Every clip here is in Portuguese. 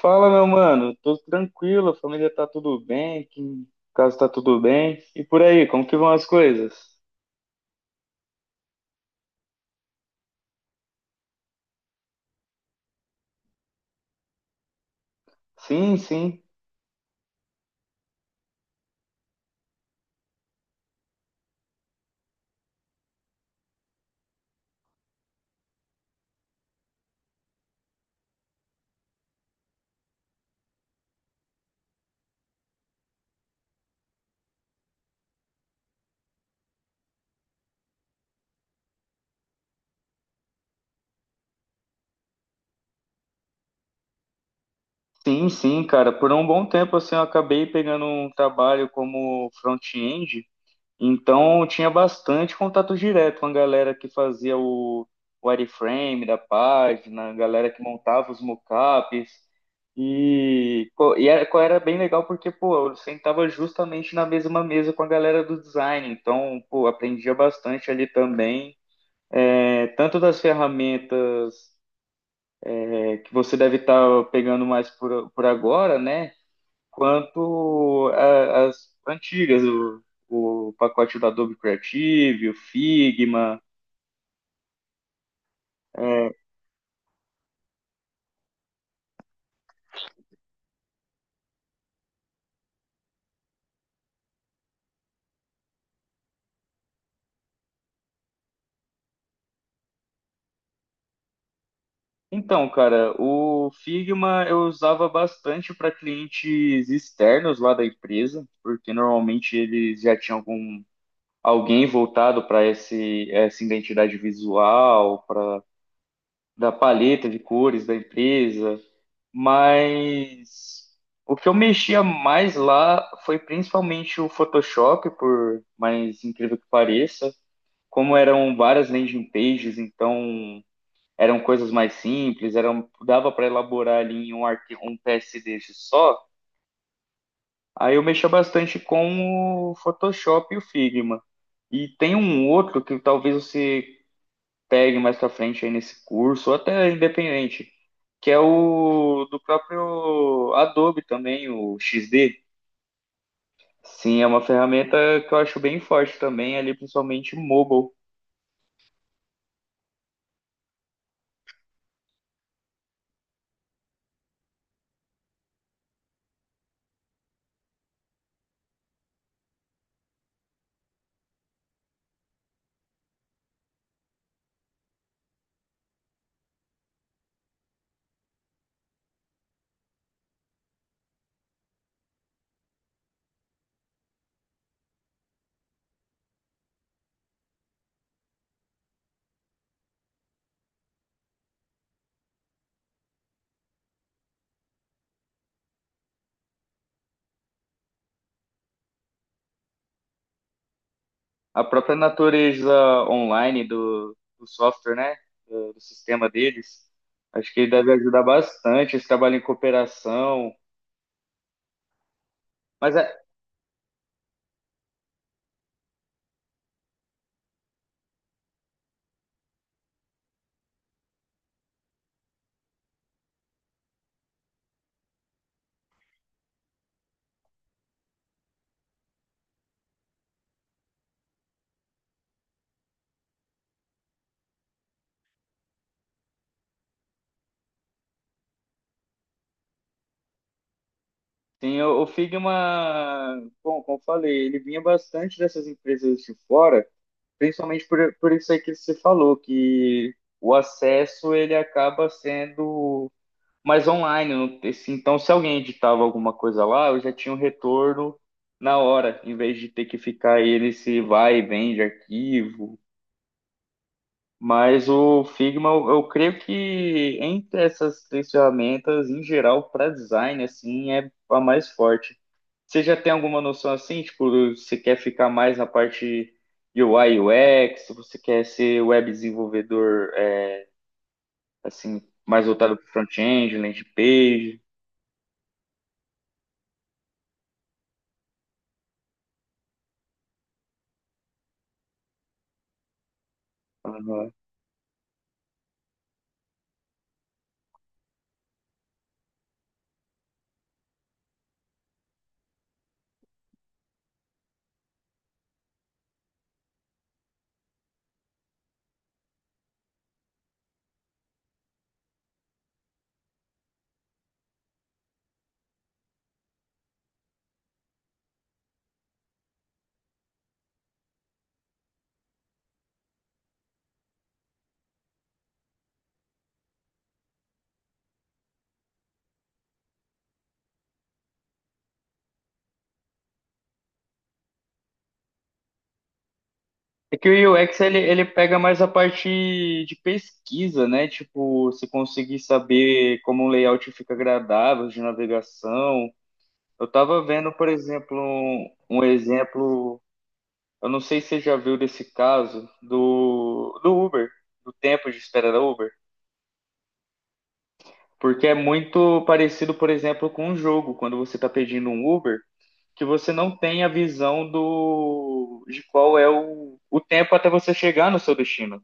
Fala, meu mano. Tudo tranquilo, a família tá tudo bem, aqui em casa tá tudo bem. E por aí, como que vão as coisas? Sim, sim. Sim, sim, cara. Por um bom tempo, assim, eu acabei pegando um trabalho como front-end. Então eu tinha bastante contato direto com a galera que fazia o wireframe da página, a galera que montava os mockups. E era bem legal porque, pô, eu sentava justamente na mesma mesa com a galera do design. Então, pô, aprendia bastante ali também. É, tanto das ferramentas é, que você deve estar pegando mais por agora, né? Quanto as antigas, o pacote da Adobe Creative, o Figma. É. Então, cara, o Figma eu usava bastante para clientes externos lá da empresa, porque normalmente eles já tinham algum alguém voltado para esse essa identidade visual, para da paleta de cores da empresa. Mas o que eu mexia mais lá foi principalmente o Photoshop, por mais incrível que pareça. Como eram várias landing pages, então eram coisas mais simples, eram, dava para elaborar ali em um arquivo, um PSD só. Aí eu mexia bastante com o Photoshop e o Figma. E tem um outro que talvez você pegue mais pra frente aí nesse curso, ou até independente, que é o do próprio Adobe também, o XD. Sim, é uma ferramenta que eu acho bem forte também, ali principalmente mobile. A própria natureza online do software, né? Do sistema deles. Acho que deve ajudar bastante esse trabalho em cooperação. Mas é, sim, o Figma, bom, como eu falei, ele vinha bastante dessas empresas de fora. Principalmente por isso aí que você falou, que o acesso ele acaba sendo mais online. Então, se alguém editava alguma coisa lá, eu já tinha um retorno na hora, em vez de ter que ficar ele se vai e vem de arquivo. Mas o Figma, eu creio que entre essas três ferramentas, em geral, para design, assim, é a mais forte. Você já tem alguma noção assim? Tipo, você quer ficar mais na parte de UI UX? Você quer ser web desenvolvedor, é, assim, mais voltado para front-end, landing page? Aham. É que o UX ele, ele pega mais a parte de pesquisa, né? Tipo, você conseguir saber como um layout fica agradável de navegação. Eu tava vendo, por exemplo, um exemplo, eu não sei se você já viu desse caso, do Uber, do tempo de espera da Uber. Porque é muito parecido, por exemplo, com um jogo, quando você está pedindo um Uber, que você não tem a visão do de qual é o tempo até você chegar no seu destino.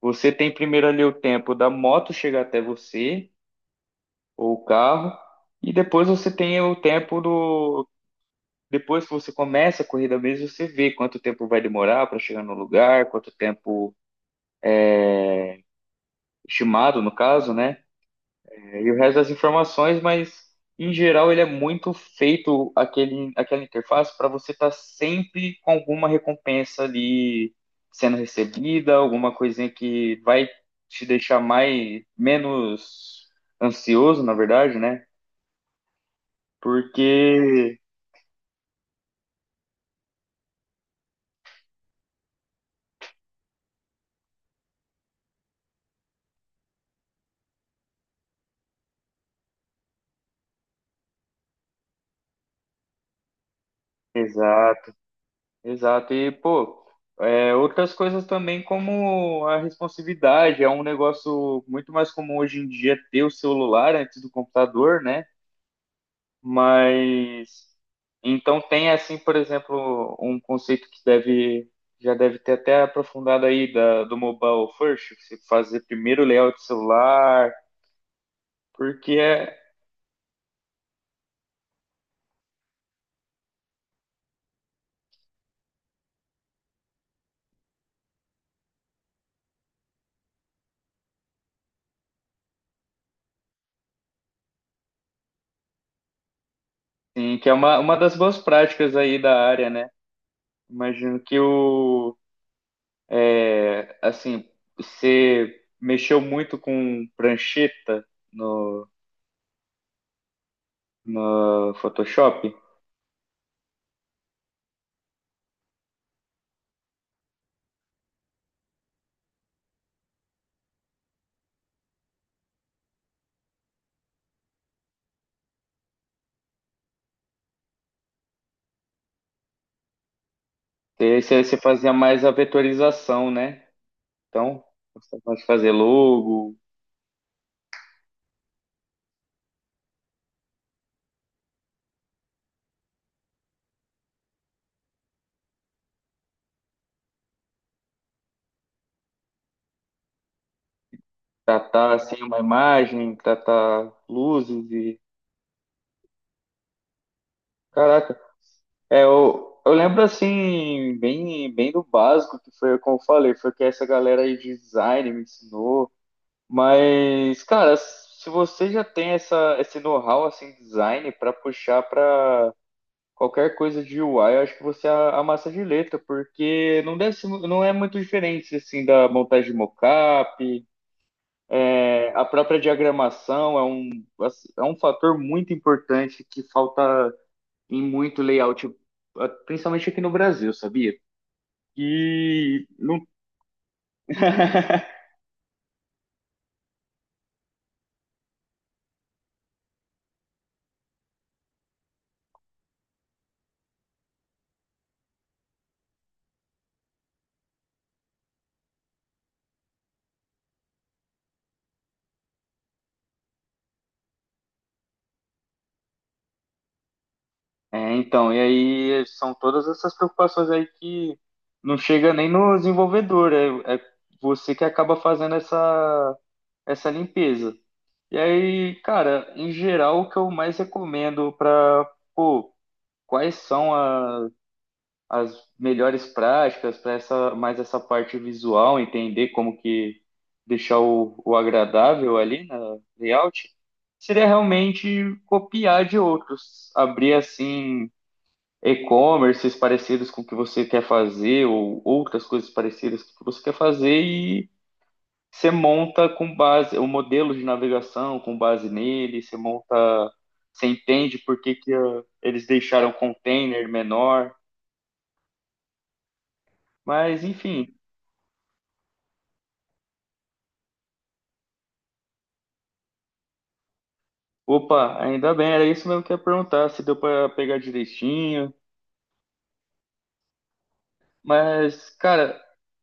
Você tem primeiro ali o tempo da moto chegar até você, ou o carro, e depois você tem o tempo do. Depois que você começa a corrida mesmo, você vê quanto tempo vai demorar para chegar no lugar, quanto tempo estimado, no caso, né? É, e o resto das informações, mas em geral ele é muito feito aquele, aquela interface para você estar sempre com alguma recompensa ali sendo recebida, alguma coisinha que vai te deixar mais menos ansioso, na verdade, né? Porque exato, exato. E pô, é, outras coisas também como a responsividade, é um negócio muito mais comum hoje em dia ter o celular antes do computador, né? Mas então tem assim, por exemplo, um conceito que deve já deve ter até aprofundado aí da, do mobile first, que você fazer primeiro o layout celular, porque é, sim, que é uma das boas práticas aí da área, né? Imagino que o é, assim, você mexeu muito com prancheta no, no Photoshop, você você fazia mais a vetorização, né? Então, você pode fazer logo, tratar assim uma imagem, tratar luzes e caraca, é eu lembro assim bem bem do básico que foi como eu falei, foi que essa galera aí de design me ensinou, mas cara, se você já tem essa esse know-how assim design para puxar para qualquer coisa de UI, eu acho que você amassa de letra, porque não deve ser, não é muito diferente assim da montagem de mockup. A própria diagramação é um fator muito importante que falta em muito layout, principalmente aqui no Brasil, sabia? E não... É, então, e aí são todas essas preocupações aí que não chega nem no desenvolvedor, é você que acaba fazendo essa, essa limpeza. E aí, cara, em geral, o que eu mais recomendo para, pô, quais são as as melhores práticas para essa mais essa parte visual, entender como que deixar o agradável ali na layout, seria realmente copiar de outros, abrir assim e-commerces parecidos com o que você quer fazer ou outras coisas parecidas com o que você quer fazer e você monta com base o modelo de navegação com base nele, você monta, você entende por que que ah, eles deixaram o container menor, mas enfim, Opa, ainda bem, era isso mesmo que eu ia perguntar, se deu pra pegar direitinho. Mas, cara,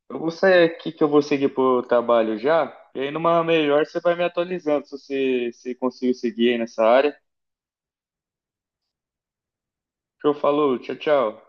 eu vou sair aqui que eu vou seguir pro trabalho já. E aí numa melhor você vai me atualizando se você se conseguiu seguir aí nessa área. Show, falou, tchau, tchau.